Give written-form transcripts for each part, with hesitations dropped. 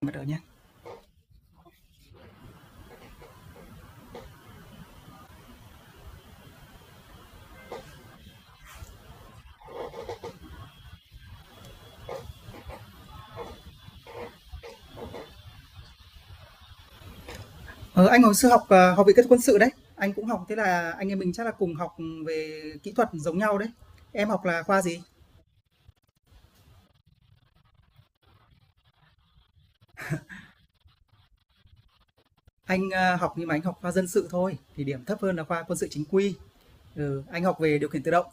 Bắt đầu nhá. Ờ, anh hồi xưa học, học Viện Kỹ thuật Quân sự đấy, anh cũng học thế là anh em mình chắc là cùng học về kỹ thuật giống nhau đấy. Em học là khoa gì? Anh, học nhưng mà anh học khoa dân sự thôi, thì điểm thấp hơn là khoa quân sự chính quy. Ừ, anh học về điều khiển tự động.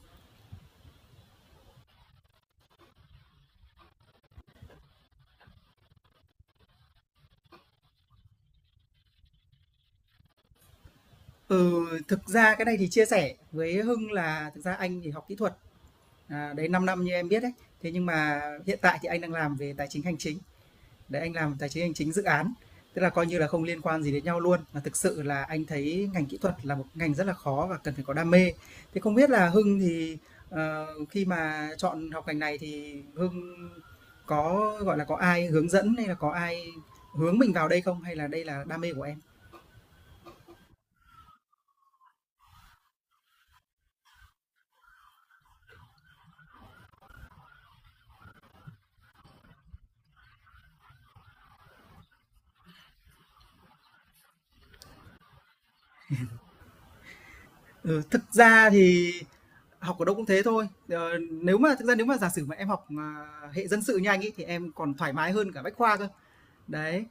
Ừ, thực ra cái này thì chia sẻ với Hưng là thực ra anh thì học kỹ thuật, đấy 5 năm như em biết đấy. Thế nhưng mà hiện tại thì anh đang làm về tài chính hành chính. Đấy, anh làm tài chính hành chính dự án, tức là coi như là không liên quan gì đến nhau luôn, mà thực sự là anh thấy ngành kỹ thuật là một ngành rất là khó và cần phải có đam mê. Thế không biết là Hưng thì, khi mà chọn học ngành này thì Hưng có, gọi là, có ai hướng dẫn hay là có ai hướng mình vào đây không? Hay là đây là đam mê của em? Ừ, thực ra thì học ở đâu cũng thế thôi. Ờ, Nếu mà thực ra nếu mà giả sử mà em học, hệ dân sự như anh ấy thì em còn thoải mái hơn cả Bách khoa cơ. Đấy,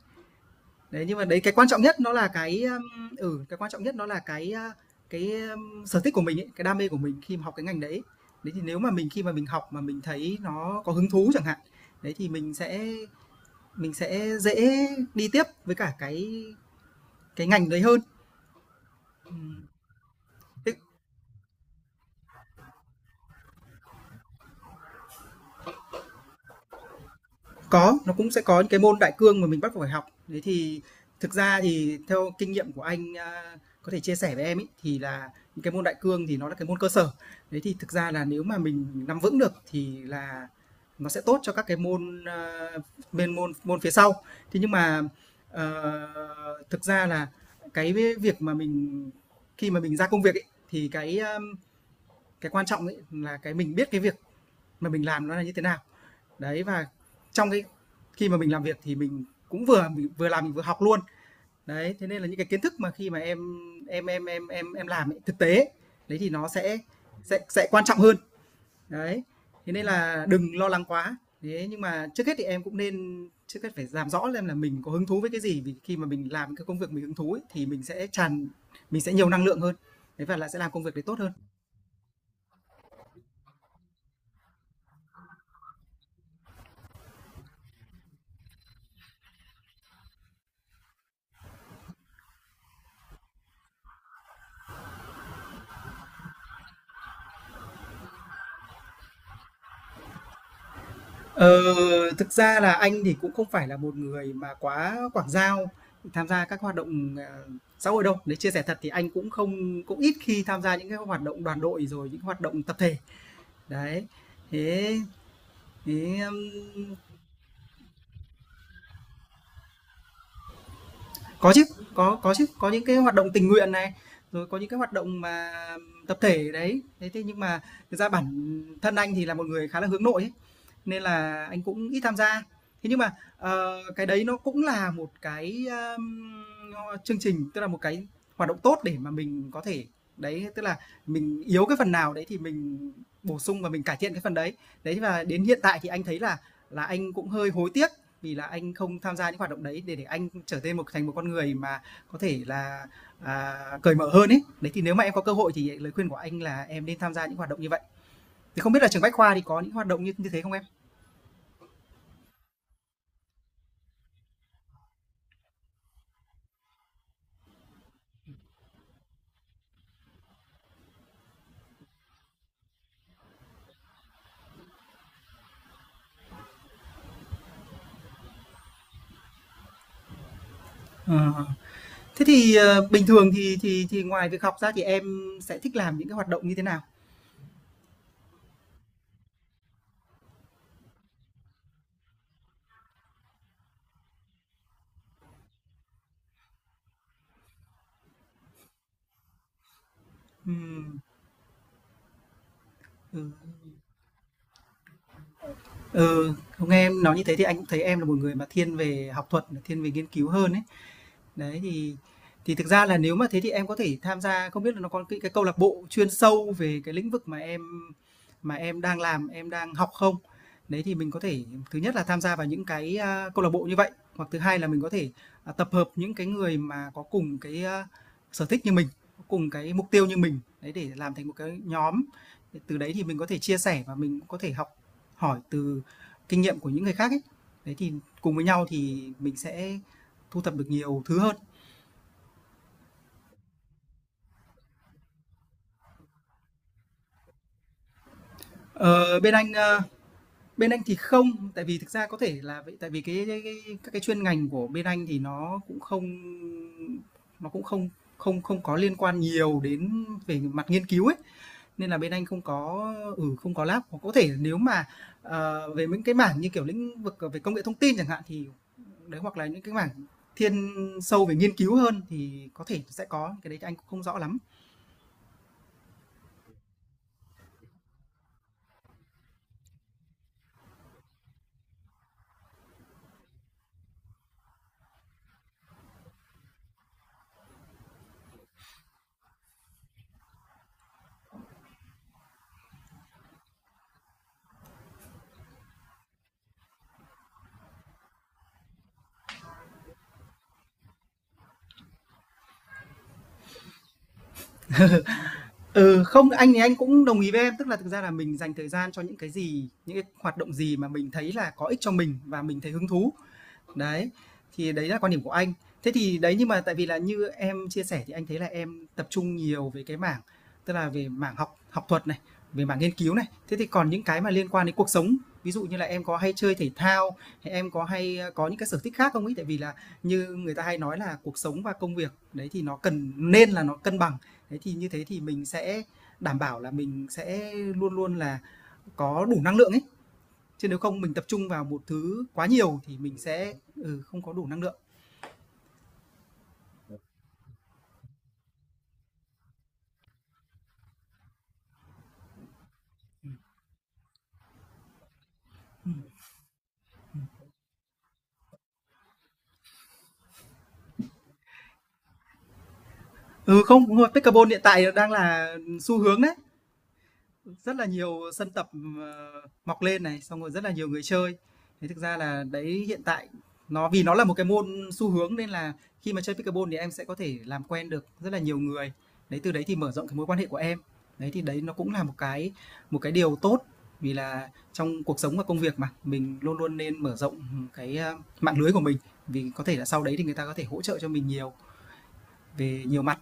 Đấy, nhưng mà đấy cái quan trọng nhất nó là cái, cái quan trọng nhất nó là cái, sở thích của mình ấy, cái đam mê của mình khi mà học cái ngành đấy. Đấy, thì nếu mà mình khi mà mình học mà mình thấy nó có hứng thú chẳng hạn, đấy, thì mình sẽ dễ đi tiếp với cả cái ngành đấy hơn. Ừm, thế Có, nó cũng sẽ có những cái môn đại cương mà mình bắt buộc phải học. Đấy thì thực ra thì theo kinh nghiệm của anh, có thể chia sẻ với em ấy, thì là những cái môn đại cương thì nó là cái môn cơ sở. Đấy thì thực ra là nếu mà mình nắm vững được thì là nó sẽ tốt cho các cái môn, bên môn môn phía sau. Thế nhưng mà, thực ra là cái việc mà mình khi mà mình ra công việc ấy, thì cái, cái quan trọng ấy là cái mình biết cái việc mà mình làm nó là như thế nào. Đấy và trong cái khi mà mình làm việc thì mình cũng vừa vừa làm mình vừa học luôn. Đấy, thế nên là những cái kiến thức mà khi mà em làm ấy, thực tế đấy thì nó sẽ quan trọng hơn. Đấy. Thế nên là đừng lo lắng quá. Thế nhưng mà trước hết thì em cũng nên trước hết phải làm rõ lên là mình có hứng thú với cái gì vì khi mà mình làm cái công việc mình hứng thú ấy, thì mình sẽ nhiều năng lượng hơn. Đấy và là sẽ làm công việc đấy tốt hơn. Ờ, Thực ra là anh thì cũng không phải là một người mà quá quảng giao, tham gia các hoạt động, xã hội đâu. Nếu chia sẻ thật thì anh cũng không cũng ít khi tham gia những cái hoạt động đoàn đội, rồi những hoạt động tập thể. Đấy, thế thế, Có chứ, có chứ, có những cái hoạt động tình nguyện này, rồi có những cái hoạt động mà tập thể đấy. Thế thế nhưng mà thực ra bản thân anh thì là một người khá là hướng nội ấy, nên là anh cũng ít tham gia. Thế nhưng mà, cái đấy nó cũng là một cái, chương trình, tức là một cái hoạt động tốt để mà mình có thể đấy, tức là mình yếu cái phần nào đấy thì mình bổ sung và mình cải thiện cái phần đấy. Đấy, và đến hiện tại thì anh thấy là anh cũng hơi hối tiếc vì là anh không tham gia những hoạt động đấy để anh trở nên một thành một con người mà có thể là cởi mở hơn ấy, đấy thì nếu mà em có cơ hội thì lời khuyên của anh là em nên tham gia những hoạt động như vậy thì không biết là trường bách khoa thì có những hoạt động như như thế không em? à. Thế thì bình thường thì ngoài việc học ra thì em sẽ thích làm những cái hoạt động như thế nào? Ừm, ừ. Ừ, không, nghe em nói như thế thì anh cũng thấy em là một người mà thiên về học thuật thiên về nghiên cứu hơn ấy. Đấy, thì thực ra là nếu mà thế thì em có thể tham gia không biết là nó có cái câu lạc bộ chuyên sâu về cái lĩnh vực mà em đang làm, em đang học không? Đấy, thì mình có thể thứ nhất là tham gia vào những cái, câu lạc bộ như vậy, hoặc thứ hai là mình có thể, tập hợp những cái người mà có cùng cái, sở thích như mình, có cùng cái mục tiêu như mình, đấy, để làm thành một cái nhóm. Từ đấy thì mình có thể chia sẻ và mình cũng có thể học hỏi từ kinh nghiệm của những người khác ấy. Đấy, thì cùng với nhau thì mình sẽ thu thập được nhiều thứ hơn. Ờ, bên anh, ơ, Bên anh thì không, tại vì thực ra có thể là vậy tại vì cái các cái chuyên ngành của bên anh thì nó cũng không không không có liên quan nhiều đến về mặt nghiên cứu ấy, nên là bên anh không có lab. Hoặc có thể nếu mà, về những cái mảng như, kiểu, lĩnh vực về công nghệ thông tin chẳng hạn thì đấy, hoặc là những cái mảng thiên sâu về nghiên cứu hơn thì có thể sẽ có, cái đấy thì anh cũng không rõ lắm. Ừ, không, anh thì anh cũng đồng ý với em, tức là thực ra là mình dành thời gian cho những cái gì, những cái hoạt động gì mà mình thấy là có ích cho mình và mình thấy hứng thú. Đấy, thì đấy là quan điểm của anh. Thế thì đấy, nhưng mà tại vì là như em chia sẻ thì anh thấy là em tập trung nhiều về cái mảng, tức là về mảng học học thuật này, về mảng nghiên cứu này. Thế thì còn những cái mà liên quan đến cuộc sống, ví dụ như là em có hay chơi thể thao, hay em có hay, có những cái sở thích khác không ấy? Tại vì là như người ta hay nói là cuộc sống và công việc, đấy, thì nó cần nên là nó cân bằng. Thế thì như thế thì mình sẽ đảm bảo là mình sẽ luôn luôn là có đủ năng lượng ấy, chứ nếu không mình tập trung vào một thứ quá nhiều thì mình sẽ không có đủ năng lượng. Ừ, không, đúng rồi, pickleball hiện tại đang là xu hướng đấy. Rất là nhiều sân tập, ờ, mọc lên này, xong rồi rất là nhiều người chơi. Thế thực ra là đấy hiện tại nó vì nó là một cái môn xu hướng nên là khi mà chơi pickleball thì em sẽ có thể làm quen được rất là nhiều người. Đấy, từ đấy thì mở rộng cái mối quan hệ của em. Đấy, thì đấy nó cũng là một cái điều tốt vì là trong cuộc sống và công việc mà, mình luôn luôn nên mở rộng, cái, mạng lưới của mình, vì có thể là sau đấy thì người ta có thể hỗ trợ cho mình nhiều về nhiều mặt.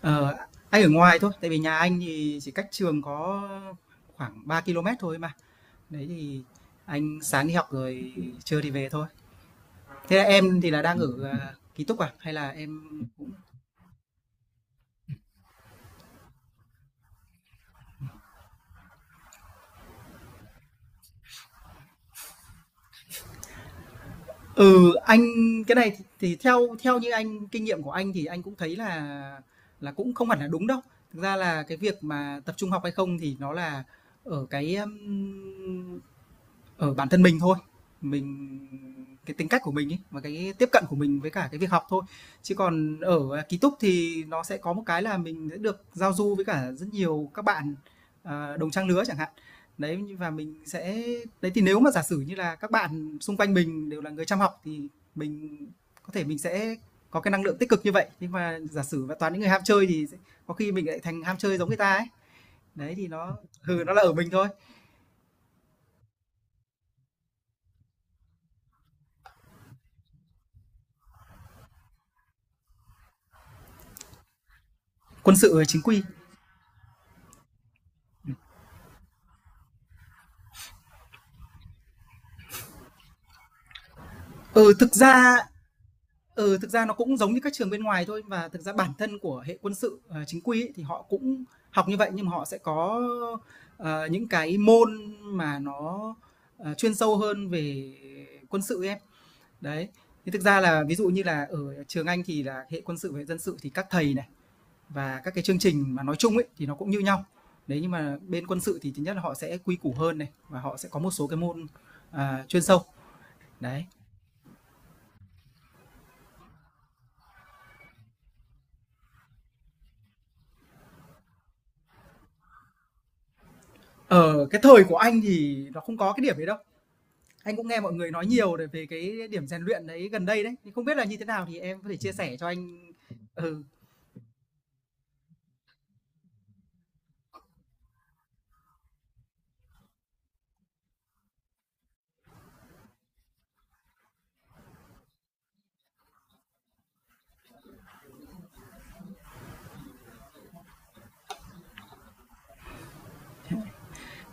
Ờ, anh ở ngoài thôi, tại vì nhà anh thì chỉ cách trường có khoảng 3 ki-lô-mét thôi mà. Đấy thì anh sáng đi học rồi trưa thì về thôi. Thế là em thì là đang ở, ký túc à? Hay là em Ừ, anh cái này thì theo theo như anh kinh nghiệm của anh thì anh cũng thấy là cũng không hẳn là đúng đâu. Thực ra là cái việc mà tập trung học hay không thì nó là ở cái um, ở bản thân mình thôi, mình cái tính cách của mình ấy, và cái tiếp cận của mình với cả cái việc học thôi. Chứ còn ở, ký túc thì nó sẽ có một cái là mình sẽ được giao du với cả rất nhiều các bạn, đồng trang lứa chẳng hạn. Đấy, và mình sẽ đấy, thì nếu mà giả sử như là các bạn xung quanh mình đều là người chăm học thì mình mình sẽ có cái năng lượng tích cực như vậy. Nhưng mà giả sử mà toàn những người ham chơi thì sẽ có khi mình lại thành ham chơi giống người ta ấy. Đấy, thì nó là ở mình thôi. Quân sự, chính quy. Ừ, thực ra Ừ, thực ra nó cũng giống như các trường bên ngoài thôi và thực ra bản thân của hệ quân sự, chính quy ấy, thì họ cũng học như vậy nhưng mà họ sẽ có, những cái môn mà nó, chuyên sâu hơn về quân sự ấy em. Đấy, thì thực ra là ví dụ như là ở trường Anh thì là hệ quân sự và hệ dân sự thì các thầy này và các cái chương trình mà nói chung ấy thì nó cũng như nhau. Đấy, nhưng mà bên quân sự thì thứ nhất là họ sẽ quy củ hơn này và họ sẽ có một số cái môn, chuyên sâu. Đấy. Ở cái thời của anh thì nó không có cái điểm đấy đâu. Anh cũng nghe mọi người nói nhiều để về cái điểm rèn luyện đấy gần đây đấy, thì không biết là như thế nào thì em có thể chia sẻ cho anh? Ừ,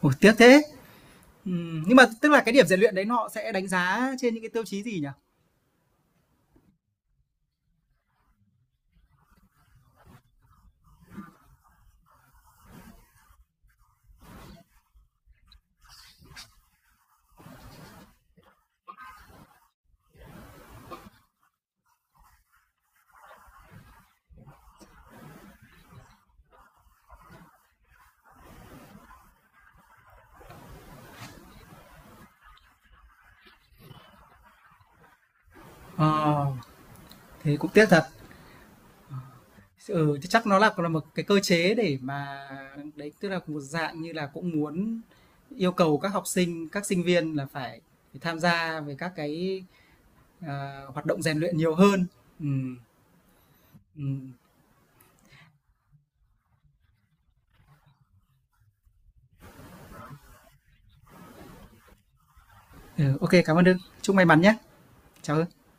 ôi, tiếc thế. Nhưng mà tức là cái điểm rèn luyện đấy nó sẽ đánh giá trên những cái tiêu chí gì nhỉ? Ờ, Thế cũng tiếc thật. Ừ, thì chắc nó là một cái cơ chế để mà đấy, tức là một dạng như là cũng muốn yêu cầu các học sinh, các sinh viên là phải phải tham gia về các cái, hoạt động rèn luyện nhiều hơn. Ừm, ừm, ừ, OK, cảm ơn Hưng. Chúc may mắn nhé. Chào Hưng.